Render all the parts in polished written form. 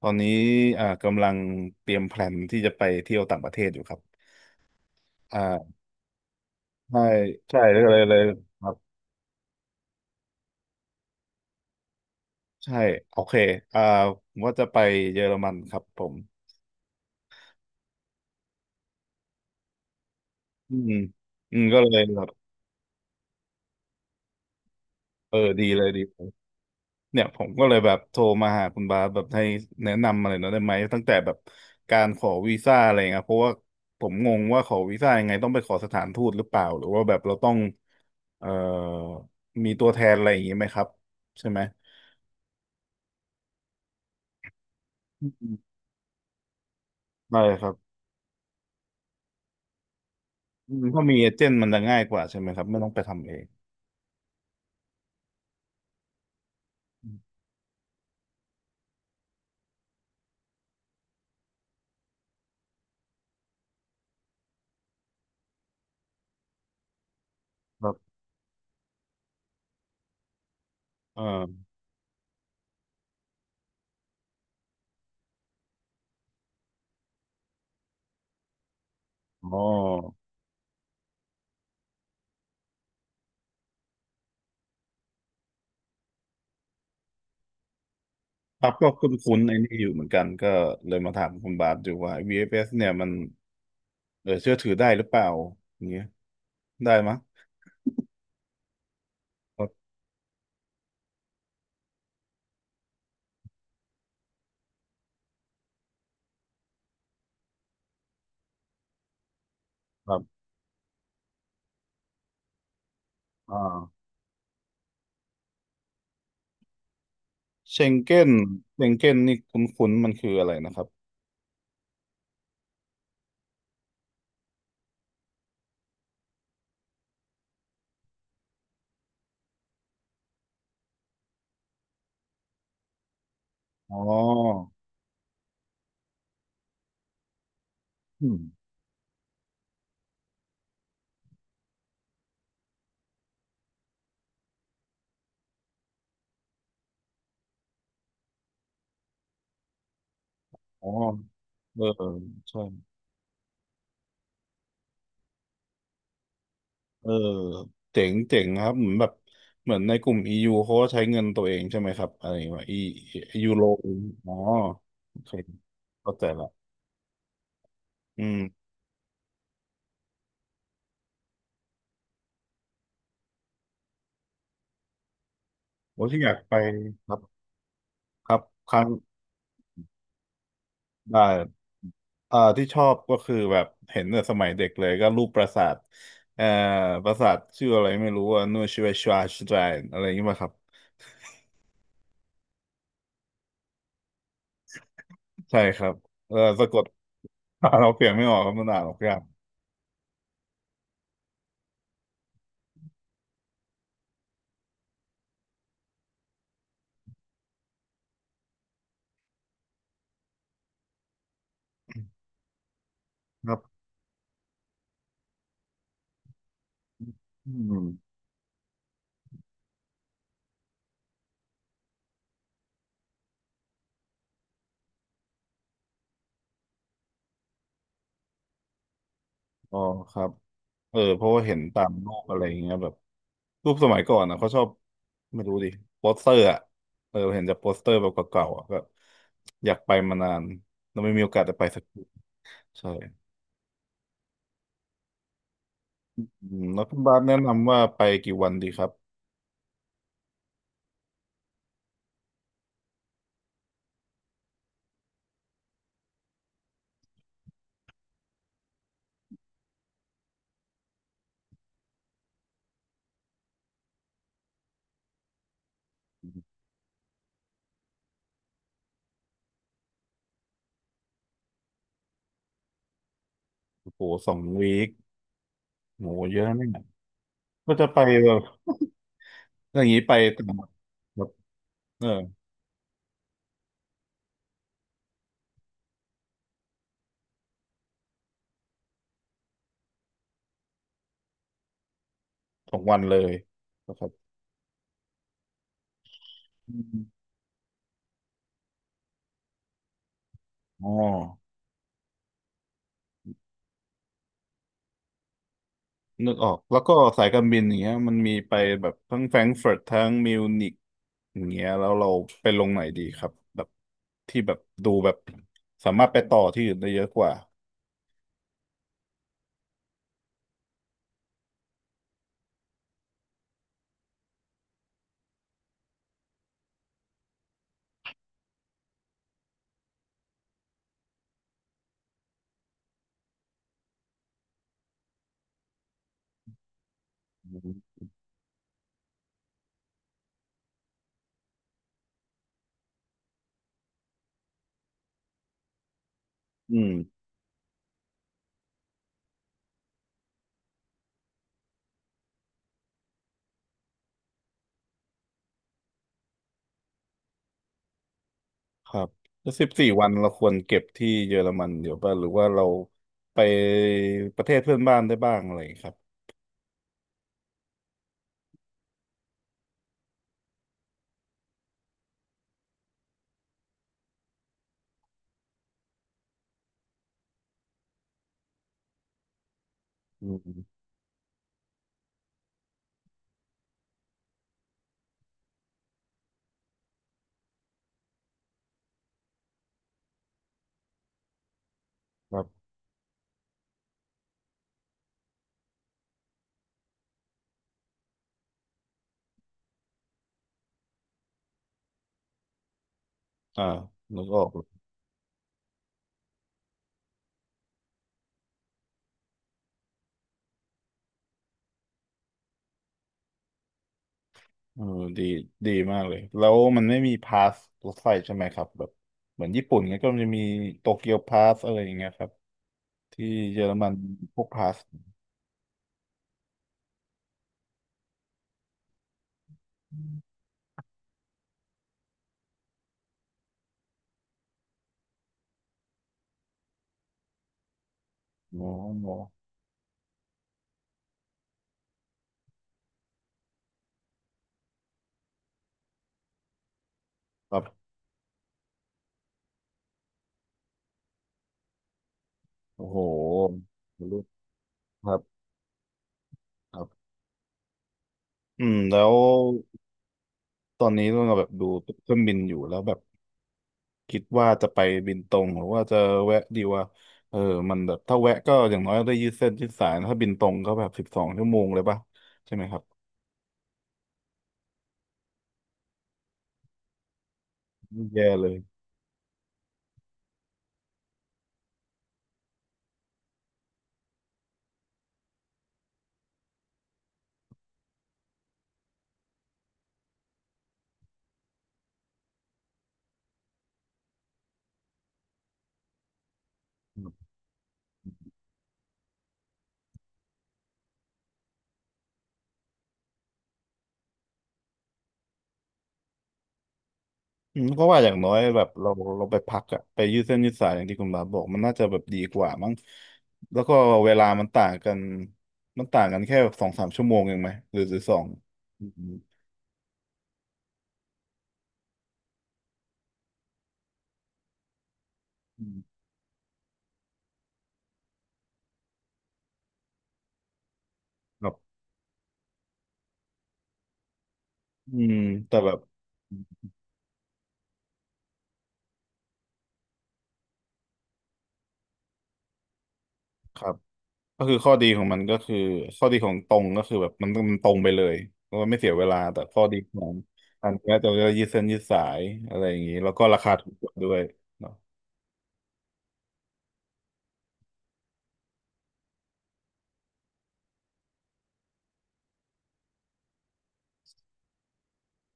ตอนนี้กำลังเตรียมแพลนที่จะไปเที่ยวต่างประเทศอยู่ครับอ่าใช่ใช่เลยเลยเลยครับใช่โอเคอ่าผมว่าจะไปเยอรมันครับผมอืมก็เลยแบบเออดีเลยดีเลยเนี่ยผมก็เลยแบบโทรมาหาคุณบาสแบบให้แนะนำอะไรหน่อยได้ไหมตั้งแต่แบบการขอวีซ่าอะไรเงี้ยเพราะว่าผมงงว่าขอวีซ่ายังไงต้องไปขอสถานทูตหรือเปล่าหรือว่าแบบเราต้องเอ่อมีตัวแทนอะไรอย่างงี้ไหมครับใช่ไหมอืม ได้ครับอืมถ้ามีเอเจนต์มันจะง่ายกว่าใช่ไหมครับไม่ต้องไปทำเองอืมครับเอ่ออ๋อครับก็คุ้นๆไอ้นี่อยู่เหมือนกันก็เลยมาถามคุณบาทอยู่ว่า VFS เอฟเอสเนี่ยมันเชื่อถือได้หรือเปล่าอย่างเงี้ยได้มั้ยครับครับอ่าเชงเก้นเชงเก้นนี่คุ้นๆมันคืออะไรนะครับอ๋ออืมอ๋อเออใช่ เออเจ๋งเจ๋งครับเหมือนแบบเหมือนในกลุ่ม EU เขาก็ใช้เงินตัวเองใช่ไหมครับอะไรว่ายูโรอ๋อโอเคเข้าใจละอืมผมที่อยากไปครับครับครั้งได้ที่ชอบก็คือแบบเห็นแต่สมัยเด็กเลยก็รูปปราสาทเอ่อปราสาทชื่ออะไรไม่รู้ว่านูชิเวชวาชไตรนอะไรอย่างนี้ป่ะครับใช่ครับเออสะกด เราเปลี่ยนไม่ออกครับมันอ่านออกยากครับอืม อ๋อครับเออเพราะว่าเห็นตามรูปอะไรอย่างเงี้ยแบบรูปสมัยก่อนนะเขาชอบไม่รู้ดิโปสเตอร์อ่ะเออเห็นจากโปสเตอร์แบบเก่าๆอ่ะก็อยากไปมานานแล้วไม่มีโอกาสได้ไปสักทีใช่อืมแล้วคุณบาสแนะนำว่าไปกี่วันดีครับโอ้โห2 วีคโหเยอะนะเนี่ยก็จะไปแบบอย่างนี้ไปต่างจังหวัดแบบเออ2 วันเลยนะครับอมอ๋อ นึกออกแล้วก็สายการบินอย่างเงี้ยมันมีไปแบบทั้งแฟรงก์เฟิร์ตทั้งมิวนิกอย่างเงี้ยแล้วเราไปลงไหนดีครับแบบที่แบบดูแบบสามารถไปต่อที่อื่นได้เยอะกว่าอืมอืมครับแล้ว14 วันเราควรเก็บที่เยอรมันเดี๋ยวป่ะหรือว่าเราไปประเทศเพื่อนบ้านได้บ้างอะไรครับอืมครับอ่านึกออก เออดีดีมากเลยแล้วมันไม่มีพาสรถไฟใช่ไหมครับแบบเหมือนญี่ปุ่นเงี้ยก็มจะมีโตเกียวพาสอะไรอย่างเงี้ยครับที่เยอรมันพวกพาสโอ้โหครับโอ้โหรู้ครับครับอืมแล้วตอนนี้เราแบบดูเครื่องบินอยู่แล้วแบบคิดว่าจะไปบินตรงหรือว่าจะแวะดีว่าเออมันแบบถ้าแวะก็อย่างน้อยได้ยืดเส้นยืดสายถ้าบินตรงก็แบบ12 ชั่วโมงเลยป่ะใช่ไหมครับแย่เลย อืมเพราะว่าอย่างน้อยแบบเราเราไปพักอะไปยืดเส้นยืดสายอย่างที่คุณบาสบอกมันน่าจะแบบดีกว่ามั้งแล้วก็เวลามันต่างกันมันต่างกันแค่2-3 ชั่วโมงเองไหมหรือสองอืมอืมครับอืมแต่แบบครับก็คือข้อดีของมันก็คือข้อดีของตรงก็คือแบบมันมันตรงไปเลยแล้วก็ไม่เสียเวลาแต่ข้อดีของอันนี้จะยืดเส้นยืดสายอะไรอย่างนี้แล้วก็ราคาถูกกว่าด้วยเนาะ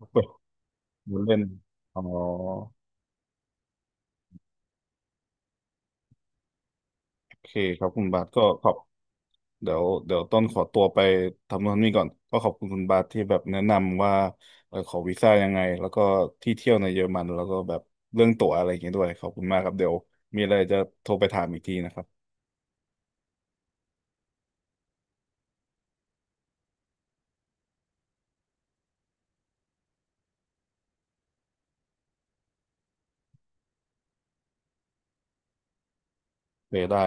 เปิเล่นอ๋อโอเคครับคุณบาทก็ขอบ เดี๋ยวเดี๋ยวต้นขอตัวไปทำโนู่นนี่ก่อนก็ขอบคุณคุณบาสที่แบบแนะนำว่าขอวีซ่ายังไงแล้วก็ที่เที่ยวในเยอรมันแล้วก็แบบเรื่องตั๋วอะไรอย่างเงี้ยด้วยขอบคุณมากครับเดี๋ยวมีอะไรจะโทรไปถามอีกทีนะครับเออได้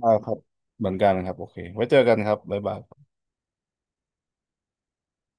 ได้ครับเหมือนกันครับโอเคไว้เจอกันครับบ๊ายบาย